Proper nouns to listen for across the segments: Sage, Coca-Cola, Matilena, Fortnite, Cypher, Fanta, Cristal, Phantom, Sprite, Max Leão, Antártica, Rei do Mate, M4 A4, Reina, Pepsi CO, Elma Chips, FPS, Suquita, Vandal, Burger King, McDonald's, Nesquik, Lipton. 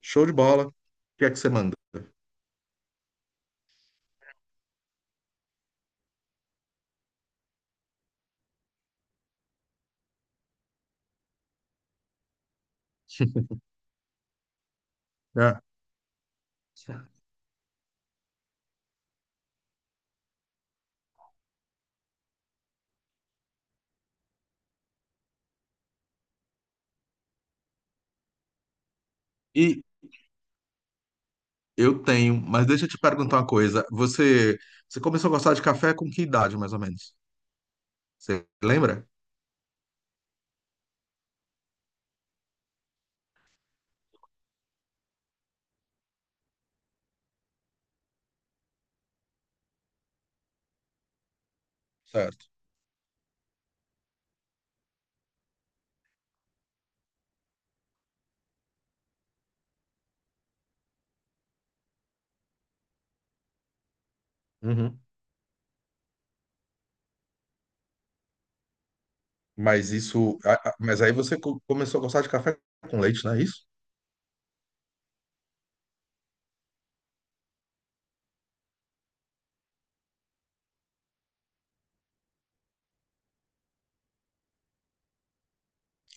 Show de bola. O que é que você manda? É. E eu tenho, mas deixa eu te perguntar uma coisa. Você começou a gostar de café com que idade, mais ou menos? Você lembra? Certo. Uhum. Mas isso, mas aí você começou a gostar de café com leite, não é isso?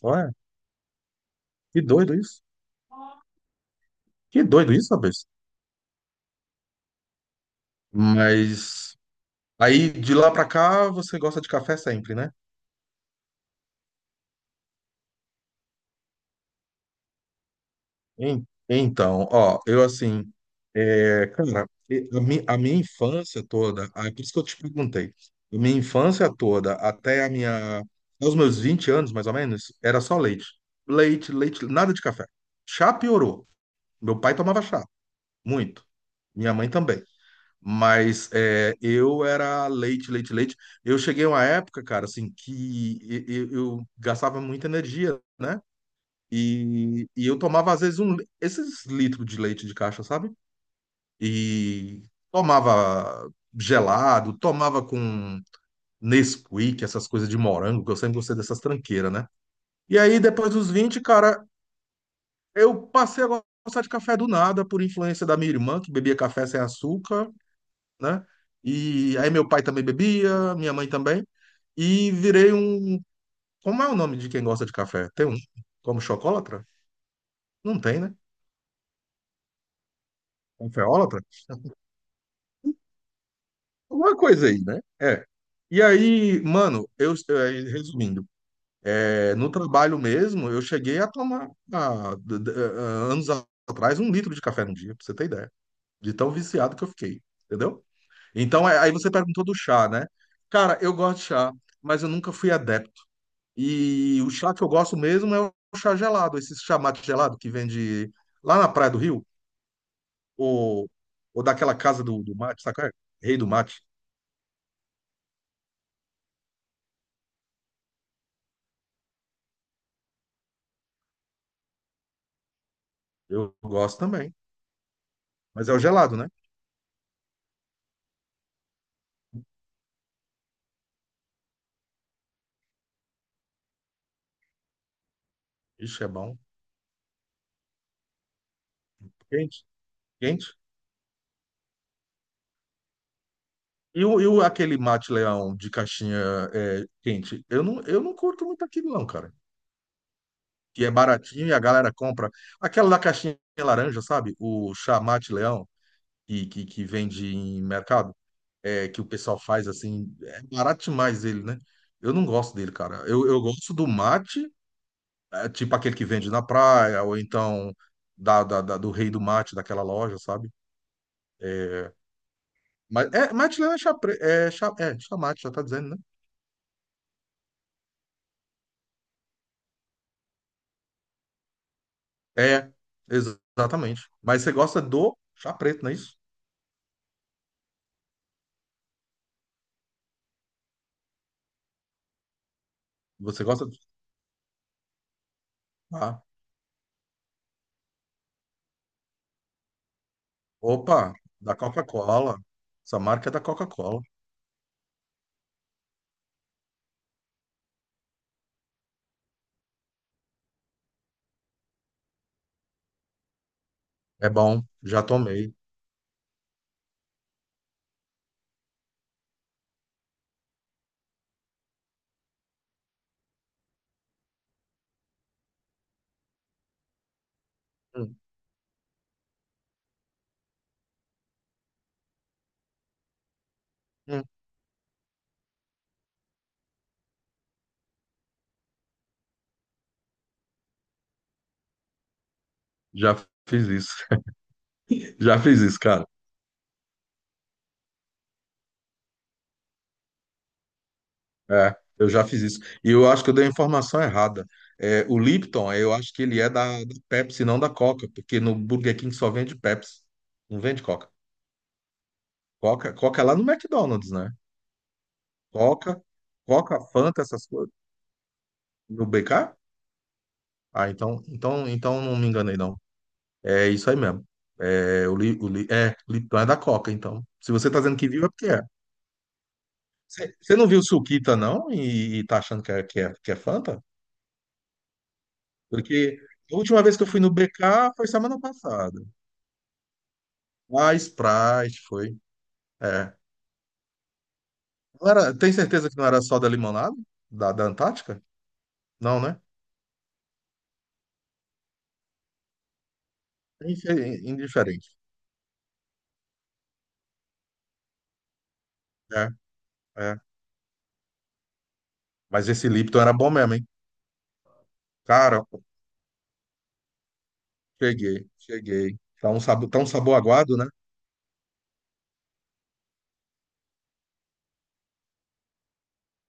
Olha, que doido isso. Que doido isso, rapaz. Mas aí de lá pra cá você gosta de café sempre, né? Então, ó, eu assim, é, cara, a minha infância toda, é por isso que eu te perguntei, a minha infância toda, até a minha, aos meus 20 anos, mais ou menos, era só leite. Leite, leite, nada de café. Chá piorou. Meu pai tomava chá, muito. Minha mãe também. Mas é, eu era leite, leite, leite. Eu cheguei a uma época, cara, assim, que eu, gastava muita energia, né? E eu tomava, às vezes, um, esses litros de leite de caixa, sabe? E tomava gelado, tomava com Nesquik, essas coisas de morango, que eu sempre gostei dessas tranqueiras, né? E aí, depois dos 20 cara, eu passei a gostar de café do nada, por influência da minha irmã, que bebia café sem açúcar, né? E aí, meu pai também bebia, minha mãe também. E virei um. Como é o nome de quem gosta de café? Tem um. Como chocolatra? Não tem, né? Cafeólatra? Alguma coisa aí, né? É. E aí, mano, eu, resumindo, no trabalho mesmo, eu cheguei a tomar, anos atrás, um litro de café no dia, pra você ter ideia, de tão viciado que eu fiquei, entendeu? Então, aí você perguntou do chá, né? Cara, eu gosto de chá, mas eu nunca fui adepto. E o chá que eu gosto mesmo é o chá gelado, esse chá mate gelado que vende lá na Praia do Rio, ou, ou daquela casa do mate, sabe? Qual é? Rei do mate. Eu gosto também. Mas é o gelado, né? Ixi, é bom. Quente, quente. Aquele mate leão de caixinha é, quente? Eu não curto muito aquilo, não, cara. Que é baratinho e a galera compra. Aquela da caixinha laranja, sabe? O chá mate leão, que vende em mercado, é, que o pessoal faz assim. É barato demais ele, né? Eu não gosto dele, cara. Eu gosto do mate, é, tipo aquele que vende na praia, ou então do rei do mate, daquela loja, sabe? É, mas, é, Matilena é, chapre, é, é chamate, já tá dizendo, né? É, exatamente. Mas você gosta do chá preto, não é isso? Você gosta do. Ah, opa, da Coca-Cola. Essa marca é da Coca-Cola. É bom, já tomei. Hum, hum, já fiz isso. Já fiz isso, cara. É, eu já fiz isso. E eu acho que eu dei a informação errada. É, o Lipton, é, eu acho que ele é da Pepsi, não da Coca, porque no Burger King só vende Pepsi. Não vende Coca. Coca, Coca é lá no McDonald's, né? Coca, Coca, Fanta, essas coisas. No BK? Ah, então não me enganei, não. É isso aí mesmo. É, é, Lipton é da Coca, então. Se você tá dizendo que viu, é porque é. Você não viu Suquita, não? E tá achando que é, Fanta? Porque a última vez que eu fui no BK foi semana passada. Ah, Sprite foi. É. Não era- tem certeza que não era só da limonada? Da Antártica? Não, né? Indiferente. É, é. Mas esse Lipton era bom mesmo, hein? Cara, cheguei, cheguei. Tá um sabor aguado, né?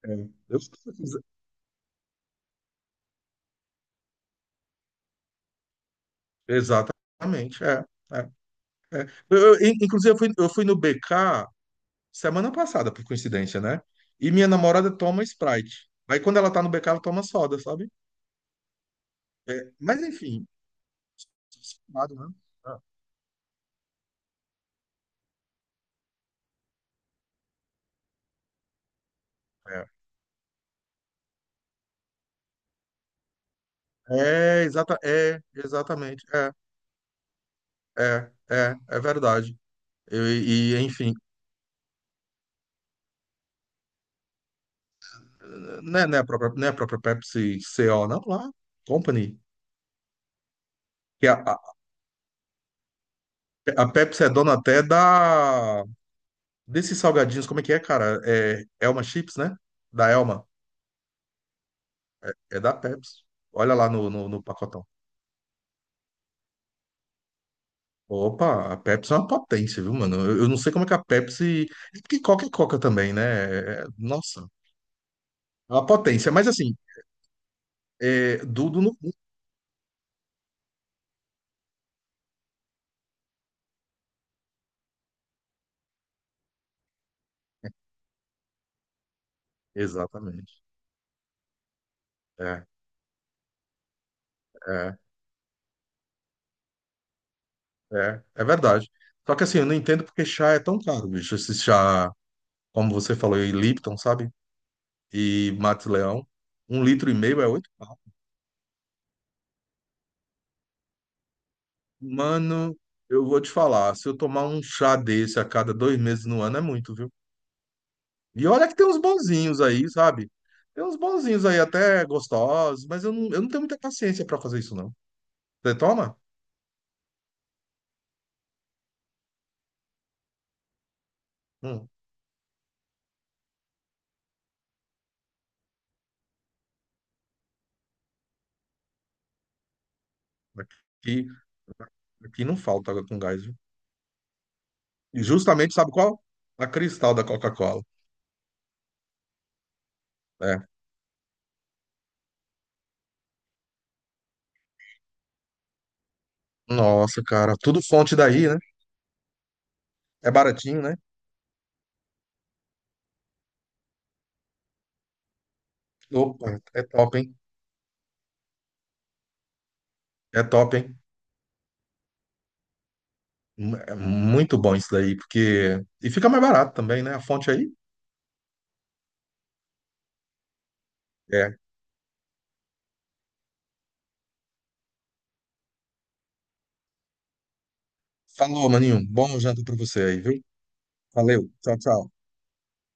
É. Eu- exatamente, é, é, é. Inclusive, eu fui no BK semana passada, por coincidência, né? E minha namorada toma Sprite. Aí quando ela tá no BK, ela toma soda, sabe? É, mas enfim, nada, né? É, é, é, exata, é, exatamente, é, é, é, é verdade. E, enfim, não é, não é a própria Pepsi CO, não, lá, Company, que é a. A Pepsi é dona até da. Desses salgadinhos, como é que é, cara? É Elma Chips, né? Da Elma. É da Pepsi. Olha lá no pacotão. Opa, a Pepsi é uma potência, viu, mano? Eu não sei como é que a Pepsi. É porque Coca é Coca também, né? Nossa, é uma potência. Mas assim, é... Dudu não. Exatamente. É, é, é, é verdade. Só que assim, eu não entendo porque chá é tão caro, bicho. Esse chá, como você falou, e Lipton, sabe? E Max Leão. Um litro e meio é oito. Mano, eu vou te falar, se eu tomar um chá desse a cada 2 meses no ano é muito, viu? E olha que tem uns bonzinhos aí, sabe? Tem uns bonzinhos aí até gostosos, mas eu não tenho muita paciência pra fazer isso, não. Você toma? Hum, aqui, aqui não falta água com gás, viu? E justamente, sabe qual? A Cristal da Coca-Cola. É. Nossa, cara, tudo fonte daí, né? É baratinho, né? Opa, é top, hein? É top, hein? É muito bom isso daí, porque. E fica mais barato também, né? A fonte aí. É. Falou, maninho. Bom jantar pra você aí, viu? Valeu. Tchau, tchau.